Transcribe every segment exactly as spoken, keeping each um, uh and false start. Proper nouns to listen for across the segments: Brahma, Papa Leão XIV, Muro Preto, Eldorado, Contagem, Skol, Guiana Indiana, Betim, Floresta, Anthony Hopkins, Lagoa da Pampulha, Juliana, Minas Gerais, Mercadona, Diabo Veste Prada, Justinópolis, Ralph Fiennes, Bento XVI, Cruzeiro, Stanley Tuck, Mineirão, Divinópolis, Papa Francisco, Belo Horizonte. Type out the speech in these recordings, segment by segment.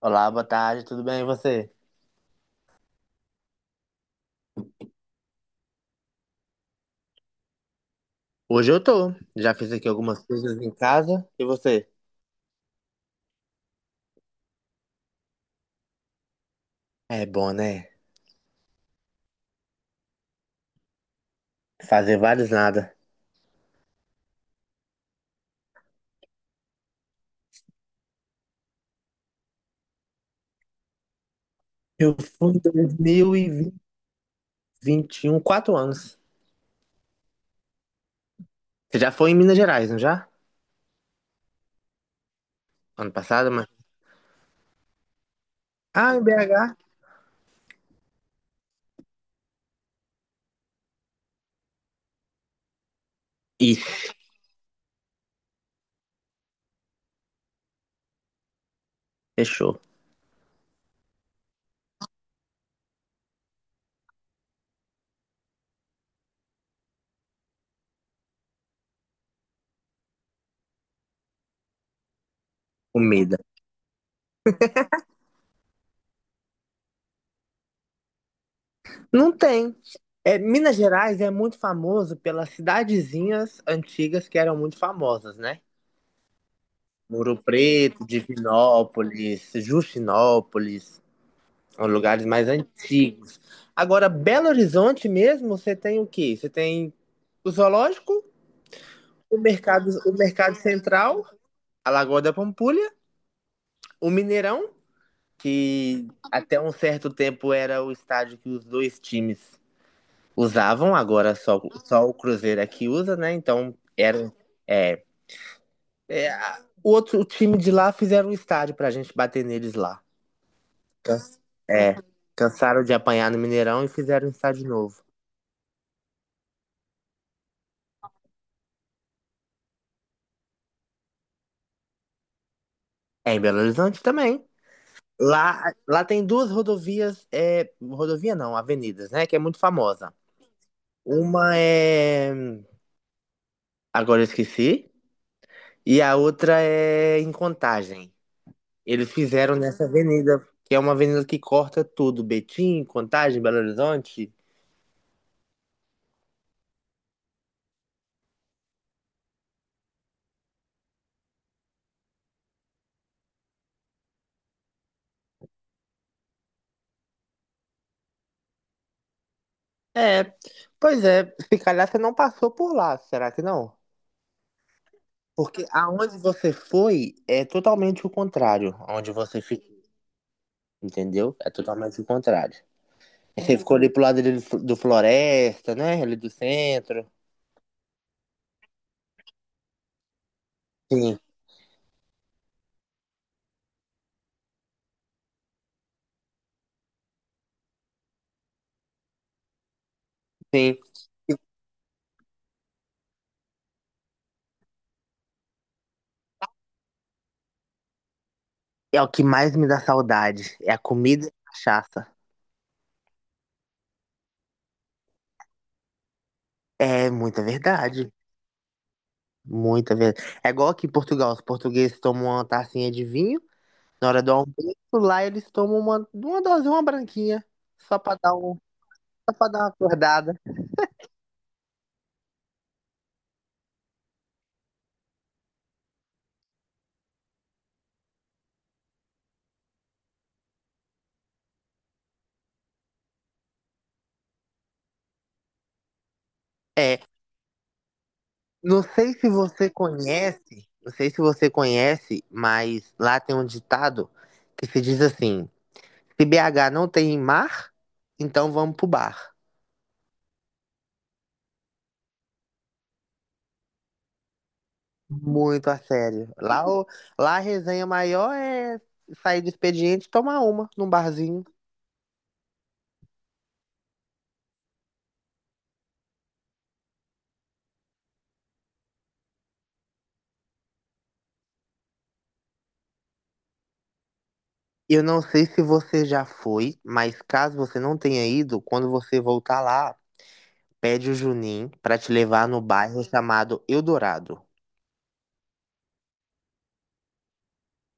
Olá, boa tarde, tudo bem e você? Hoje eu tô. Já fiz aqui algumas coisas em casa. E você? É bom, né? Fazer vários nada. Eu fui em dois mil e vinte e um, quatro anos. Você já foi em Minas Gerais, não já? Ano passado, mas. Ah, em B H. Ih, fechou. Comida. Não tem. É, Minas Gerais é muito famoso pelas cidadezinhas antigas que eram muito famosas, né? Muro Preto, Divinópolis, Justinópolis. São lugares mais antigos. Agora, Belo Horizonte mesmo, você tem o quê? Você tem o zoológico, o mercado, o mercado central, a Lagoa da Pampulha, o Mineirão, que até um certo tempo era o estádio que os dois times usavam, agora só, só o Cruzeiro é que usa, né? Então, era, é, é, a- o outro o time de lá fizeram um estádio pra gente bater neles lá. Can- É, cansaram de apanhar no Mineirão e fizeram um estádio novo. É em Belo Horizonte também. Lá, lá tem duas rodovias, é, rodovia não, avenidas, né? Que é muito famosa. Uma é. Agora eu esqueci. E a outra é em Contagem. Eles fizeram nessa avenida, que é uma avenida que corta tudo. Betim, Contagem, Belo Horizonte. É, pois é. Se calhar você não passou por lá, será que não? Porque aonde você foi é totalmente o contrário. Onde você fica, entendeu? É totalmente o contrário. Você ficou ali pro lado dele do do Floresta, né? Ali do centro. Sim, sim. É o que mais me dá saudade. É a comida e a cachaça. É muita verdade. Muita verdade. É igual aqui em Portugal. Os portugueses tomam uma tacinha de vinho. Na hora do almoço, lá eles tomam uma, uma dosinha, uma branquinha. Só pra dar um, só pra dar uma acordada. É, não sei se você conhece, não sei se você conhece, mas lá tem um ditado que se diz assim: Se B H não tem mar, então vamos pro bar. Muito a sério. Lá, o- lá a resenha maior é sair do expediente e tomar uma num barzinho. Eu não sei se você já foi, mas caso você não tenha ido, quando você voltar lá, pede o Juninho pra te levar no bairro chamado Eldorado.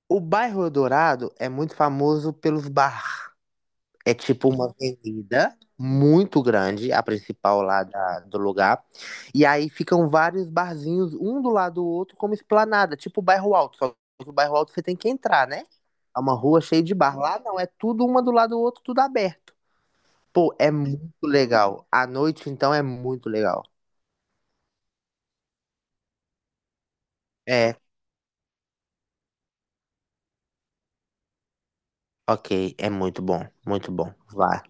O bairro Eldorado é muito famoso pelos barracos. É tipo uma avenida muito grande, a principal lá da- do lugar. E aí ficam vários barzinhos, um do lado do outro, como esplanada, tipo o bairro alto. Só que o bairro alto você tem que entrar, né? É uma rua cheia de bar. Lá não, é tudo uma do lado do outro, tudo aberto. Pô, é muito legal. À noite, então, é muito legal. É, ok, é muito bom, muito bom. Vá.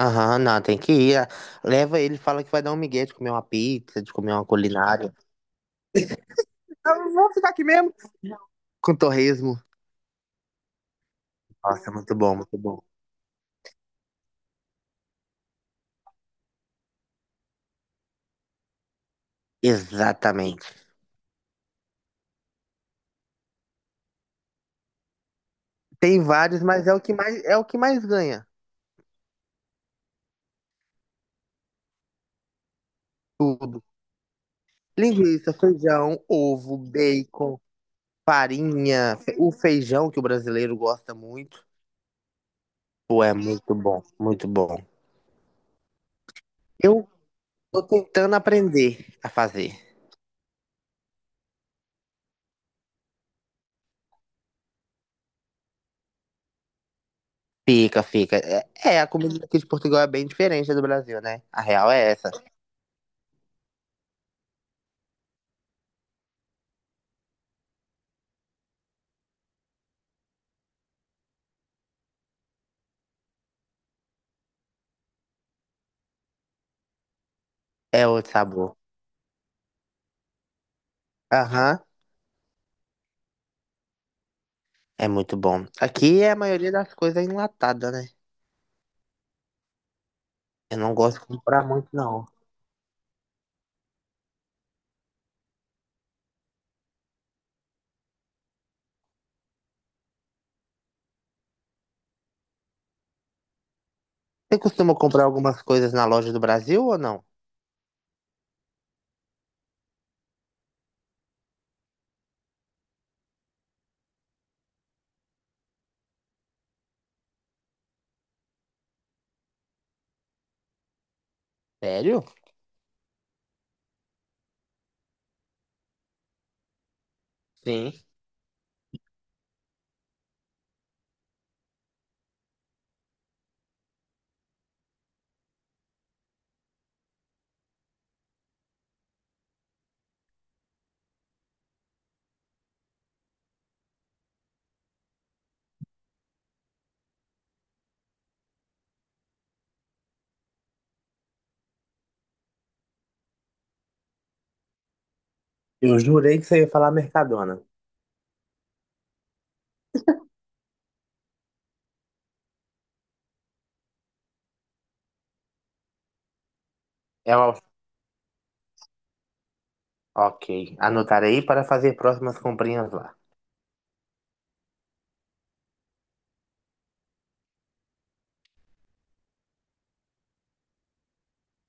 Aham, não, tem que ir. Ah, leva ele, fala que vai dar um migué de comer uma pizza, de comer uma culinária. Eu vou ficar aqui mesmo. Com torresmo. Nossa, muito bom, muito bom. Exatamente. Tem vários, mas é o que mais é o que mais ganha. Tudo. Linguiça, feijão, ovo, bacon, farinha, fe- o feijão que o brasileiro gosta muito. Pô, é muito bom, muito bom. Eu tô tentando aprender a fazer. Fica, fica. É, é, a comida aqui de Portugal é bem diferente da do Brasil, né? A real é essa. É outro sabor. Aham, é muito bom. Aqui é a maioria das coisas é enlatada, né? Eu não gosto de comprar muito, não. Você costuma comprar algumas coisas na loja do Brasil ou não? Sério? Sim. Eu jurei que você ia falar Mercadona. É o... Ok. Anotarei para fazer próximas comprinhas lá.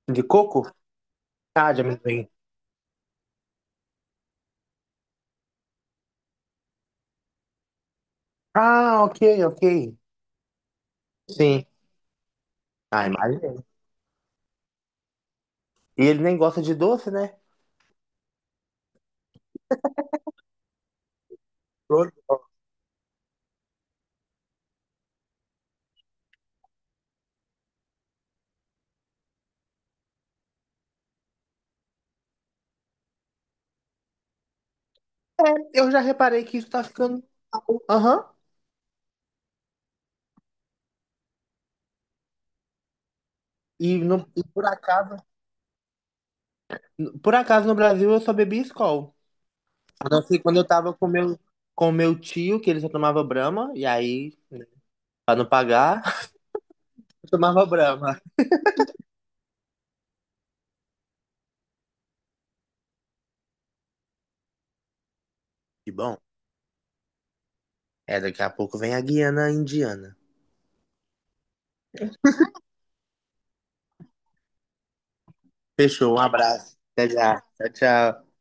De coco? Ah, de amendoim. Ah, ok, ok. Sim. Ah, imagina. E ele nem gosta de doce, né? Flor- É, eu já reparei que isso tá ficando. Aham. E, no- e por acaso, por acaso no Brasil eu só bebi Skol. A não ser quando eu tava com meu, com meu tio, que ele só tomava Brahma, e aí, para não pagar. Eu tomava Brahma. Que bom. É, daqui a pouco vem a Guiana Indiana. Fechou, um abraço. Até já. Tchau, tchau.